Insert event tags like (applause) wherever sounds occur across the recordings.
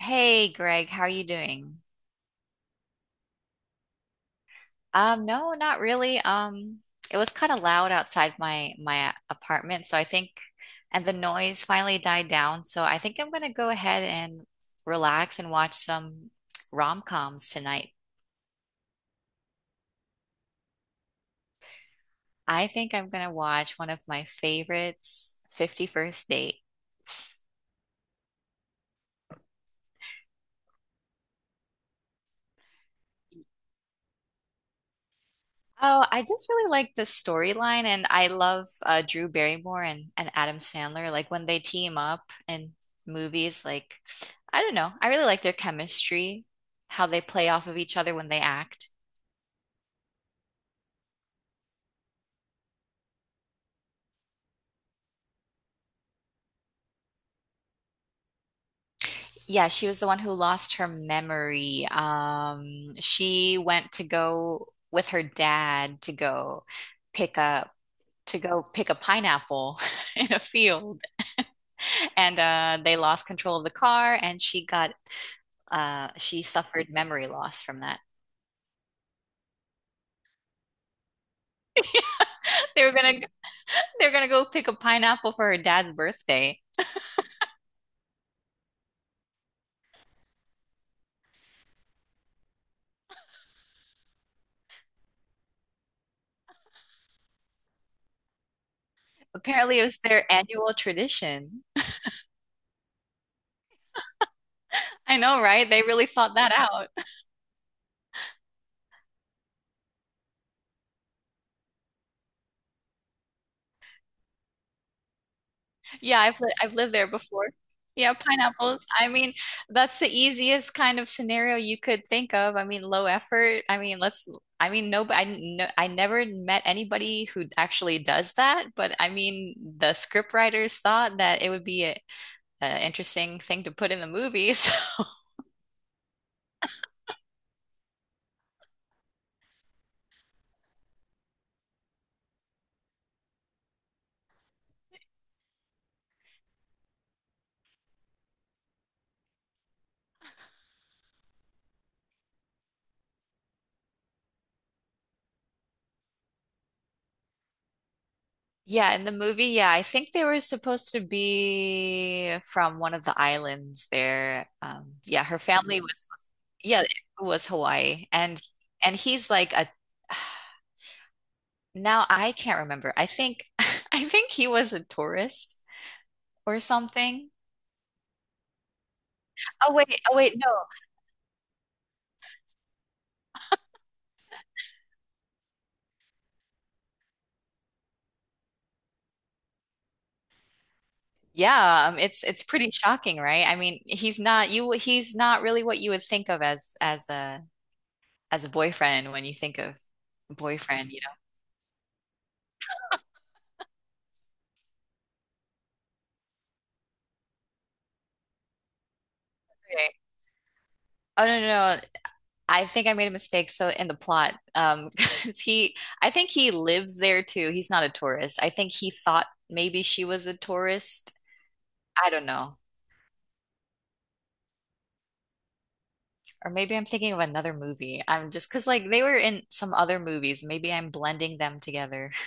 Hey Greg, how are you doing? No, not really. It was kind of loud outside my apartment, so I think, and the noise finally died down, so I think I'm gonna go ahead and relax and watch some rom-coms tonight. I think I'm gonna watch one of my favorites, 50 First Dates. Oh, I just really like the storyline, and I love Drew Barrymore and Adam Sandler. Like when they team up in movies, like I don't know, I really like their chemistry, how they play off of each other when they act. Yeah, she was the one who lost her memory. She went to go with her dad to go pick up pick a pineapple (laughs) in a field, and they lost control of the car, and she got she suffered memory loss from that. They were gonna they were gonna go pick a pineapple for her dad's birthday. Apparently, it was their annual tradition. I know, right? They really thought that out. Yeah, I've lived there before. Yeah, pineapples. I mean, that's the easiest kind of scenario you could think of. I mean, low effort. I mean, let's. I mean, no, I never met anybody who actually does that. But I mean, the scriptwriters thought that it would be a interesting thing to put in the movie. (laughs) So yeah, in the movie, yeah, I think they were supposed to be from one of the islands there. Yeah, her family was, yeah, it was Hawaii, and he's like a. (sighs) Now I can't remember. I think (laughs) I think he was a tourist or something. Oh wait, no. Yeah, it's pretty shocking, right? I mean, He's not really what you would think of as as a boyfriend when you think of boyfriend, you know? Right. Oh no. I think I made a mistake so in the plot (laughs) 'cause he I think he lives there too. He's not a tourist. I think he thought maybe she was a tourist. I don't know. Or maybe I'm thinking of another movie. I'm just because like they were in some other movies. Maybe I'm blending them together. (laughs)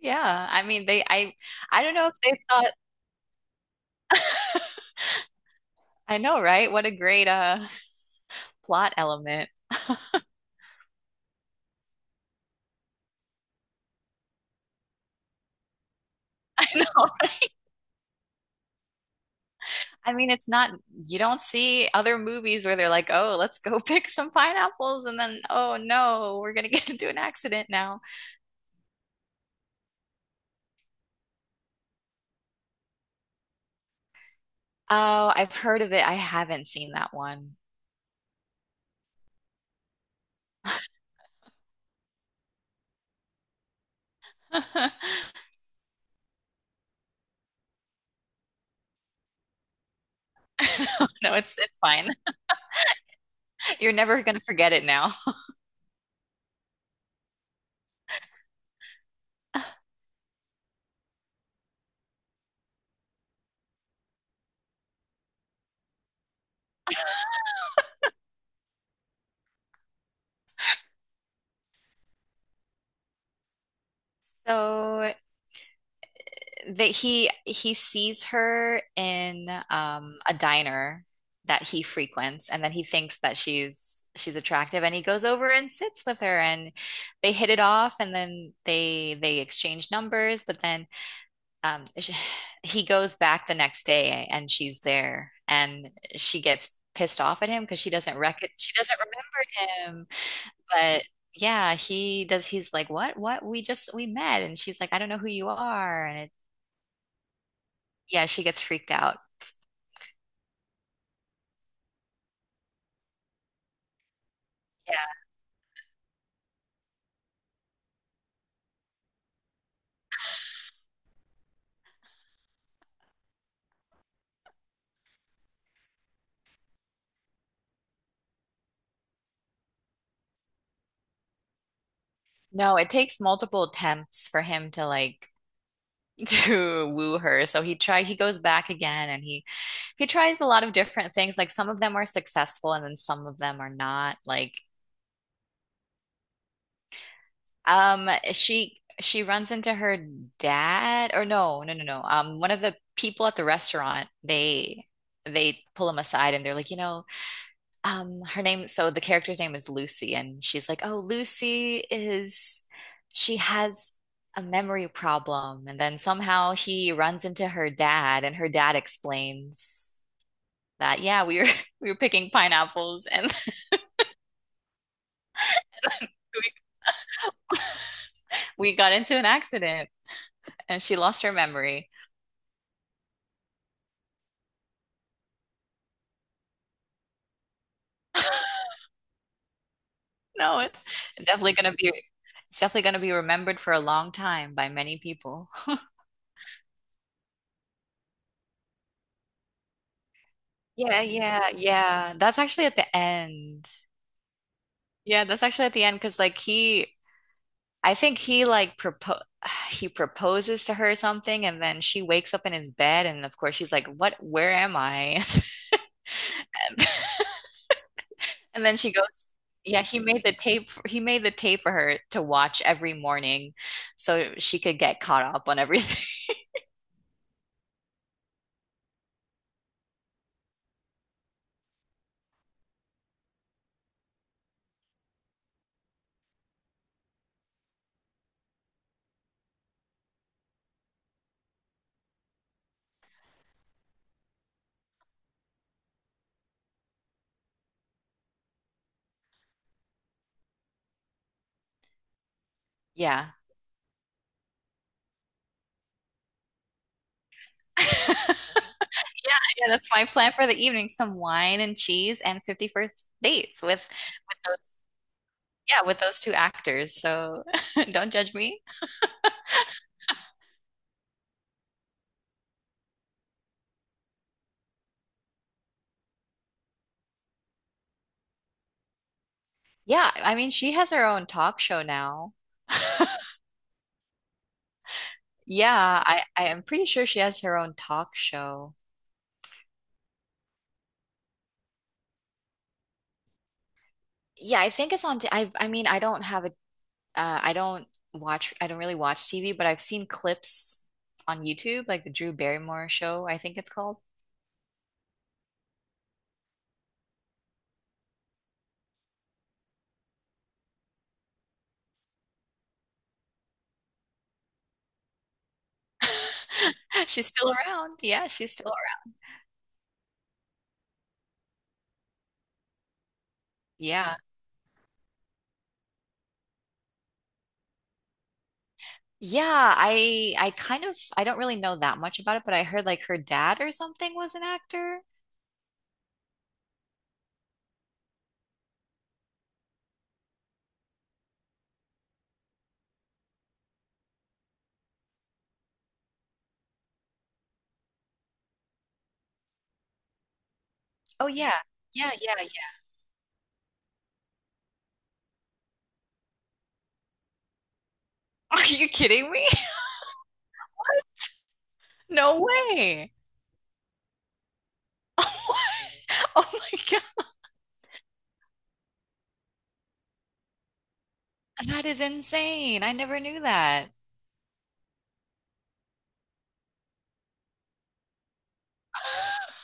Yeah, I mean they I don't know if they thought. I know, right? What a great (laughs) plot element. (laughs) I know. I mean, it's not, you don't see other movies where they're like, oh, let's go (laughs) pick some pineapples. And then, oh no, we're going to get (laughs) into an accident now. Oh, I've heard of it. I haven't seen that one. (laughs) So, no, it's fine. You're never going to forget it now. So that he sees her in a diner that he frequents, and then he thinks that she's attractive, and he goes over and sits with her, and they hit it off, and then they exchange numbers. But then (sighs) sh he goes back the next day, and she's there, and she gets pissed off at him because she doesn't rec she doesn't remember him, but yeah, he does. He's like, "What? What? We met." And she's like, "I don't know who you are." And yeah, she gets freaked out. Yeah. No, it takes multiple attempts for him to like (laughs) to woo her. So he goes back again, and he tries a lot of different things. Like some of them are successful, and then some of them are not. Like she runs into her dad or no, no, no, no. Um, one of the people at the restaurant, they pull him aside, and they're like, "You know, um, her name, so the character's name is Lucy, and she's like, oh, Lucy is she has a memory problem." And then somehow he runs into her dad, and her dad explains that yeah, we were (laughs) we were picking pineapples, and (laughs) we, we got into an accident, and she lost her memory. (laughs) No, it's definitely gonna be remembered for a long time by many people. Yeah, that's actually at the end. Yeah, that's actually at the end because like he I think he like propo (sighs) he proposes to her something, and then she wakes up in his bed, and of course she's like, "What? Where am I?" (laughs) And then she goes, "Yeah, he made the he made the tape for her to watch every morning so she could get caught up on everything." (laughs) Yeah. (laughs) Yeah, that's my plan for the evening, some wine and cheese and 51st dates with those yeah, with those two actors. So (laughs) don't judge me. Yeah, I mean, she has her own talk show now. (laughs) Yeah, I am pretty sure she has her own talk show. Yeah, I think it's on. I mean, I don't have a. I don't watch. I don't really watch TV, but I've seen clips on YouTube, like the Drew Barrymore show, I think it's called. (laughs) She's still around. Yeah, she's still around. Yeah. Yeah, I kind of I don't really know that much about it, but I heard like her dad or something was an actor. Oh yeah. Yeah, yeah, yeah. (laughs) Are you kidding me? No way. (laughs) Oh my God. That is insane. I never knew that. (laughs)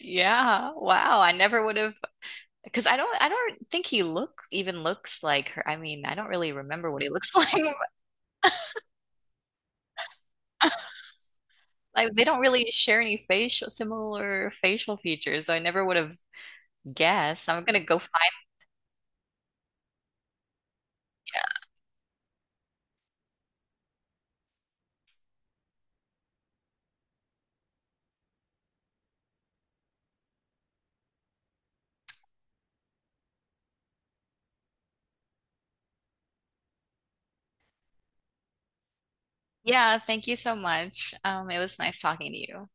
Yeah. Wow. I never would have because I don't think he look even looks like her. I mean, I don't really remember what he looks (laughs) like. Like they don't really share any facial similar facial features, so I never would have guessed. I'm gonna go find. Yeah, thank you so much. It was nice talking to you.